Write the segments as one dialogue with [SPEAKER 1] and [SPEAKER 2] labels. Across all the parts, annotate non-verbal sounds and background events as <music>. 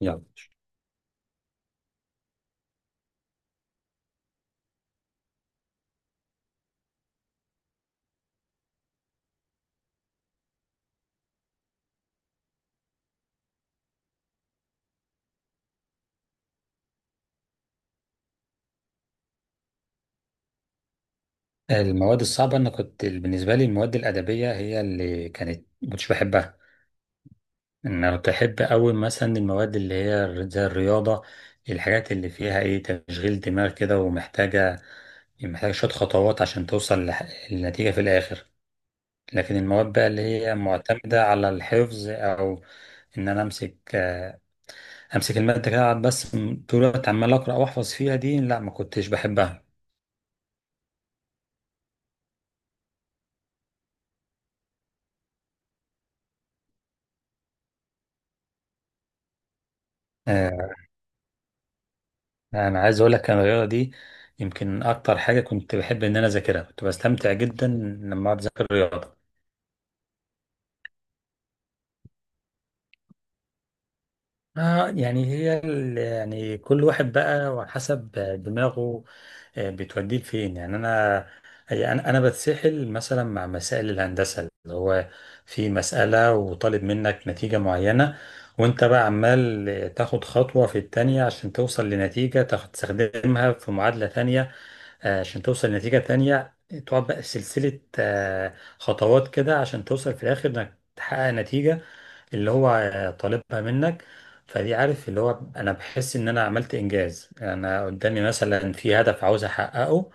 [SPEAKER 1] يلا. المواد الصعبة، أنا كنت بالنسبة لي المواد الأدبية هي اللي كانت مكنتش بحبها. أنا كنت أحب أوي مثلا المواد اللي هي زي الرياضة، الحاجات اللي فيها تشغيل دماغ كده ومحتاجة، محتاجة شوية خطوات عشان توصل للنتيجة في الآخر. لكن المواد بقى اللي هي معتمدة على الحفظ، أو إن أنا أمسك، أمسك المادة كده، أقعد بس طول الوقت عمال أقرأ وأحفظ فيها دي. لا، ما كنتش بحبها. انا عايز اقول لك أنا الرياضه دي يمكن اكتر حاجه كنت بحب ان انا اذاكرها، كنت بستمتع جدا لما اقعد اذاكر الرياضه. آه، يعني هي يعني كل واحد بقى وحسب دماغه، بتوديه لفين يعني. انا هي انا انا بتسحل مثلا مع مسائل الهندسه، اللي هو في مساله وطالب منك نتيجه معينه، وانت بقى عمال تاخد خطوه في التانيه عشان توصل لنتيجه، تستخدمها في معادله تانيه، عشان توصل لنتيجة تانية. تقعد بقى سلسلة خطوات كده عشان توصل في الآخر إنك تحقق نتيجة اللي هو طالبها منك. فدي، عارف، اللي هو أنا بحس إن أنا عملت إنجاز، أنا قدامي مثلا في هدف عاوز أحققه،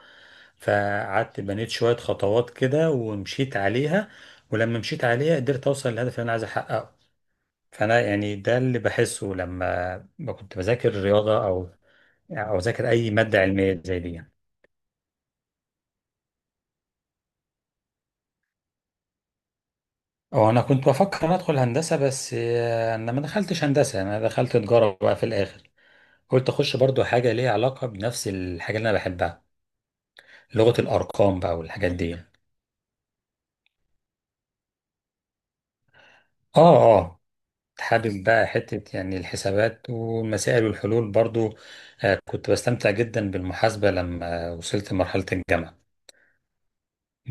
[SPEAKER 1] فقعدت بنيت شوية خطوات كده ومشيت عليها، ولما مشيت عليها قدرت أوصل للهدف اللي أنا عايز أحققه. فأنا يعني ده اللي بحسه لما كنت بذاكر رياضة، أو أو أذاكر أي مادة علمية زي دي يعني. هو انا كنت بفكر ادخل هندسه، بس انا ما دخلتش هندسه، انا دخلت تجاره بقى في الاخر. قلت اخش برضو حاجه ليها علاقه بنفس الحاجه اللي انا بحبها، لغه الارقام بقى والحاجات دي يعني. اه، اه، حابب بقى حته يعني الحسابات والمسائل والحلول برضو. كنت بستمتع جدا بالمحاسبه لما وصلت لمرحله الجامعه.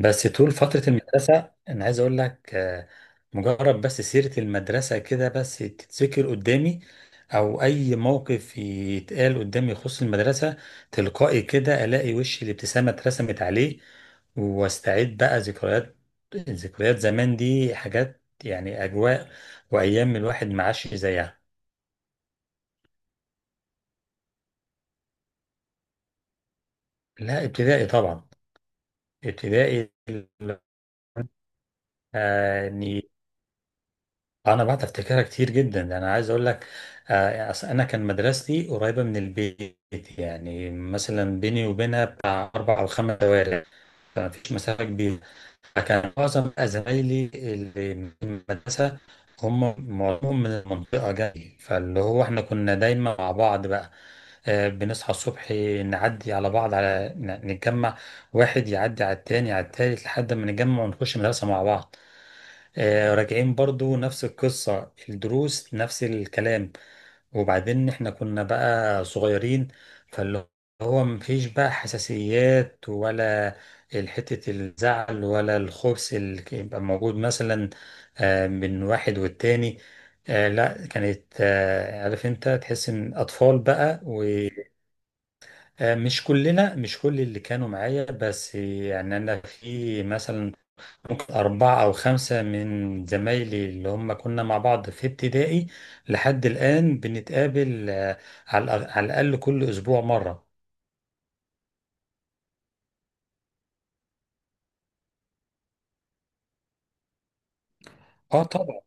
[SPEAKER 1] بس طول فترة المدرسة أنا عايز أقول لك، مجرد بس سيرة المدرسة كده بس تتذكر قدامي، أو أي موقف يتقال قدامي يخص المدرسة، تلقائي كده ألاقي وشي الابتسامة اترسمت عليه، واستعيد بقى ذكريات. ذكريات زمان دي حاجات يعني أجواء وأيام الواحد ما عاش زيها. لا، ابتدائي طبعا. ابتدائي. يعني انا بعد افتكرها كتير جدا، ده انا عايز اقول لك أصل انا كان مدرستي قريبه من البيت، يعني مثلا بيني وبينها بتاع 4 أو 5 شوارع، فما فيش مسافه كبيره. فكان معظم بقى زمايلي اللي من المدرسه هم معظمهم من المنطقه جاي، فاللي هو احنا كنا دايما مع بعض بقى. بنصحى الصبح، نعدي على بعض على نتجمع، واحد يعدي على التاني على التالت لحد ما نتجمع ونخش مدرسه مع بعض. راجعين برضو نفس القصة، الدروس نفس الكلام. وبعدين احنا كنا بقى صغيرين، فاللي هو مفيش بقى حساسيات، ولا حتة الزعل ولا الخبث اللي كان يبقى موجود مثلا من واحد والتاني. لا، كانت عارف انت، تحس ان اطفال بقى. ومش كلنا، مش كل اللي كانوا معايا، بس يعني انا في مثلا ممكن 4 أو 5 من زمايلي اللي هم كنا مع بعض في ابتدائي لحد الآن بنتقابل، على على الأقل كل أسبوع مرة. اه طبعا.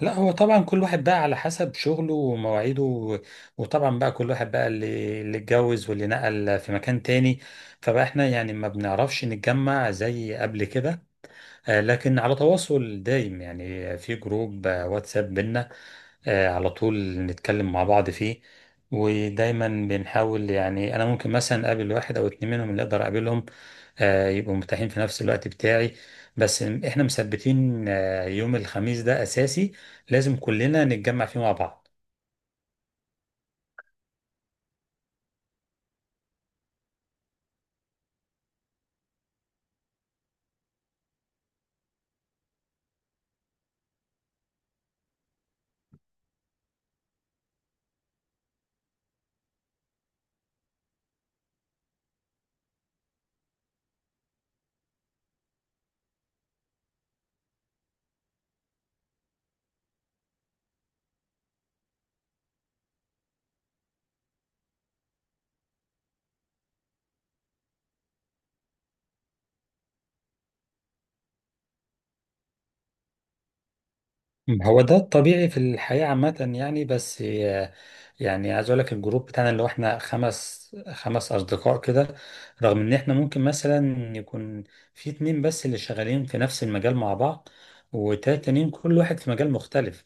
[SPEAKER 1] لا، هو طبعا كل واحد بقى على حسب شغله ومواعيده، وطبعا بقى كل واحد بقى، اللي اتجوز واللي نقل في مكان تاني، فبقى احنا يعني ما بنعرفش نتجمع زي قبل كده. لكن على تواصل دايم يعني، في جروب واتساب بينا، على طول نتكلم مع بعض فيه. ودايما بنحاول، يعني انا ممكن مثلا اقابل واحد او اتنين منهم اللي اقدر اقابلهم، يبقوا متاحين في نفس الوقت بتاعي. بس احنا مثبتين يوم الخميس ده اساسي، لازم كلنا نتجمع فيه مع بعض. هو ده الطبيعي في الحياة عامة يعني، بس يعني عايز اقول لك الجروب بتاعنا اللي هو احنا خمس اصدقاء كده. رغم ان احنا ممكن مثلا يكون في اتنين بس اللي شغالين في نفس المجال مع بعض، وتلاتة تانيين كل واحد في مجال مختلف،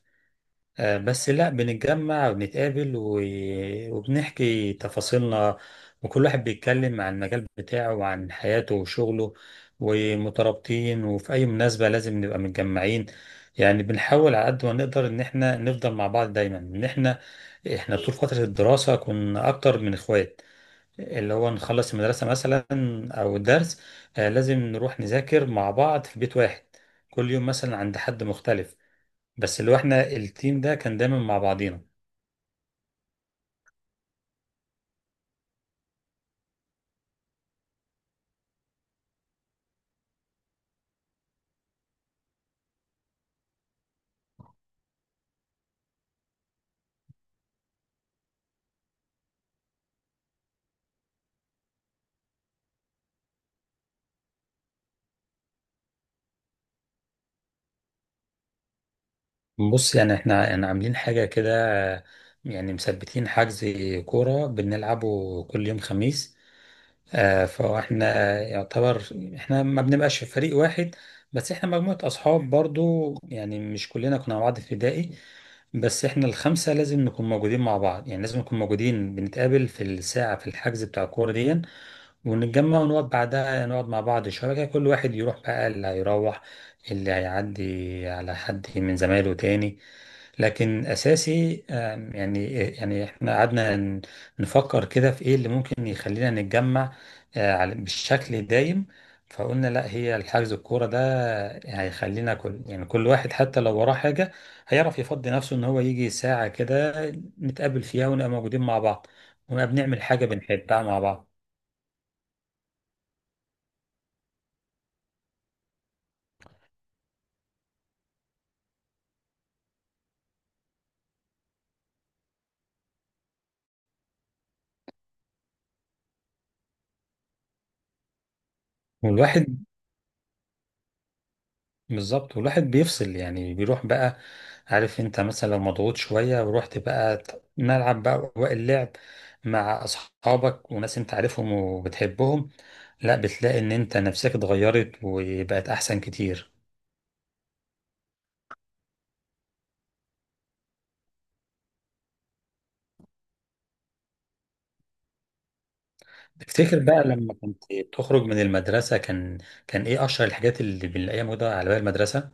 [SPEAKER 1] بس لا، بنتجمع وبنتقابل وبنحكي تفاصيلنا. وكل واحد بيتكلم عن المجال بتاعه وعن حياته وشغله، ومترابطين، وفي أي مناسبة لازم نبقى متجمعين. يعني بنحاول على قد ما نقدر إن إحنا نفضل مع بعض دايما. إن إحنا، طول فترة الدراسة كنا أكتر من إخوات، اللي هو نخلص المدرسة مثلا أو الدرس، لازم نروح نذاكر مع بعض في بيت واحد، كل يوم مثلا عند حد مختلف. بس اللي هو احنا التيم ده كان دايما مع بعضينا. بص يعني احنا يعني عاملين حاجة كده، يعني مثبتين حجز كورة بنلعبه كل يوم خميس. آه، فاحنا يعتبر، احنا ما بنبقاش في فريق واحد، بس احنا مجموعة أصحاب برضو، يعني مش كلنا كنا مع بعض في ابتدائي، بس احنا الـ 5 لازم نكون موجودين مع بعض، يعني لازم نكون موجودين، بنتقابل في الساعة في الحجز بتاع الكورة دي، ونتجمع ونقعد بعدها، نقعد مع بعض شوية كده، كل واحد يروح بقى اللي هيروح، اللي هيعدي على حد من زمايله تاني. لكن أساسي يعني، يعني احنا قعدنا نفكر كده في ايه اللي ممكن يخلينا نتجمع بالشكل دايم. فقلنا لا، هي الحجز الكورة ده هيخلينا كل، يعني كل واحد حتى لو وراه حاجة هيعرف يفضي نفسه ان هو يجي ساعة كده نتقابل فيها ونبقى موجودين مع بعض، ونبقى بنعمل حاجة بنحبها مع بعض. والواحد بالظبط، والواحد بيفصل، يعني بيروح بقى، عارف انت، مثلا لو مضغوط شوية ورحت بقى ملعب بقى وقت اللعب مع اصحابك وناس انت عارفهم وبتحبهم، لا بتلاقي ان انت نفسك اتغيرت وبقت احسن كتير. تفتكر بقى لما كنت بتخرج من المدرسة كان، كان ايه اشهر الحاجات اللي بنلاقيها موجودة على باب المدرسة؟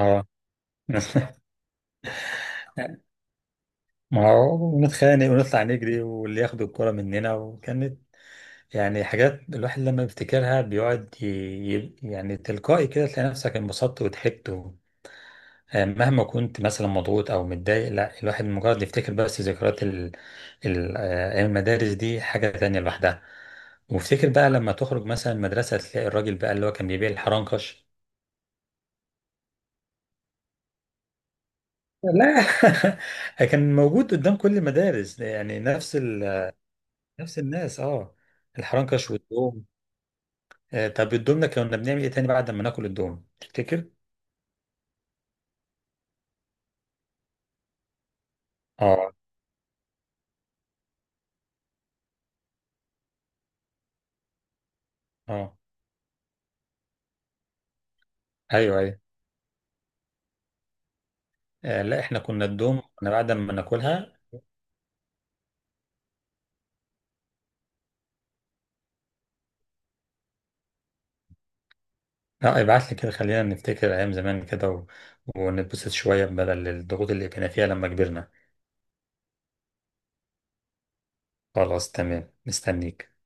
[SPEAKER 1] اه. <laughs> ما هو نتخانق ونطلع نجري واللي ياخد الكرة مننا، وكانت يعني حاجات الواحد لما بيفتكرها بيقعد يعني تلقائي كده تلاقي نفسك انبسطت وضحكت و... مهما كنت مثلا مضغوط او متضايق، لا، الواحد مجرد يفتكر بس ذكريات ال... ال... آه، أيام المدارس دي حاجة تانية لوحدها. وافتكر بقى لما تخرج مثلا المدرسة تلاقي الراجل بقى اللي هو كان بيبيع الحرنكش. لا. <laughs> كان موجود قدام كل المدارس يعني، نفس الناس، اه. الحرنكش والدوم. طب الدوم ده كنا بنعمل ايه تاني بعد ما ناكل الدوم تفتكر؟ آه. اه، ايوه ايوه. آه، لا، احنا كنا الدوم انا بعد ما ناكلها. لا، ابعت لي كده خلينا نفتكر ايام زمان كده و... ونتبسط شويه بدل الضغوط اللي كنا فيها لما كبرنا. خلاص، تمام، مستنيك.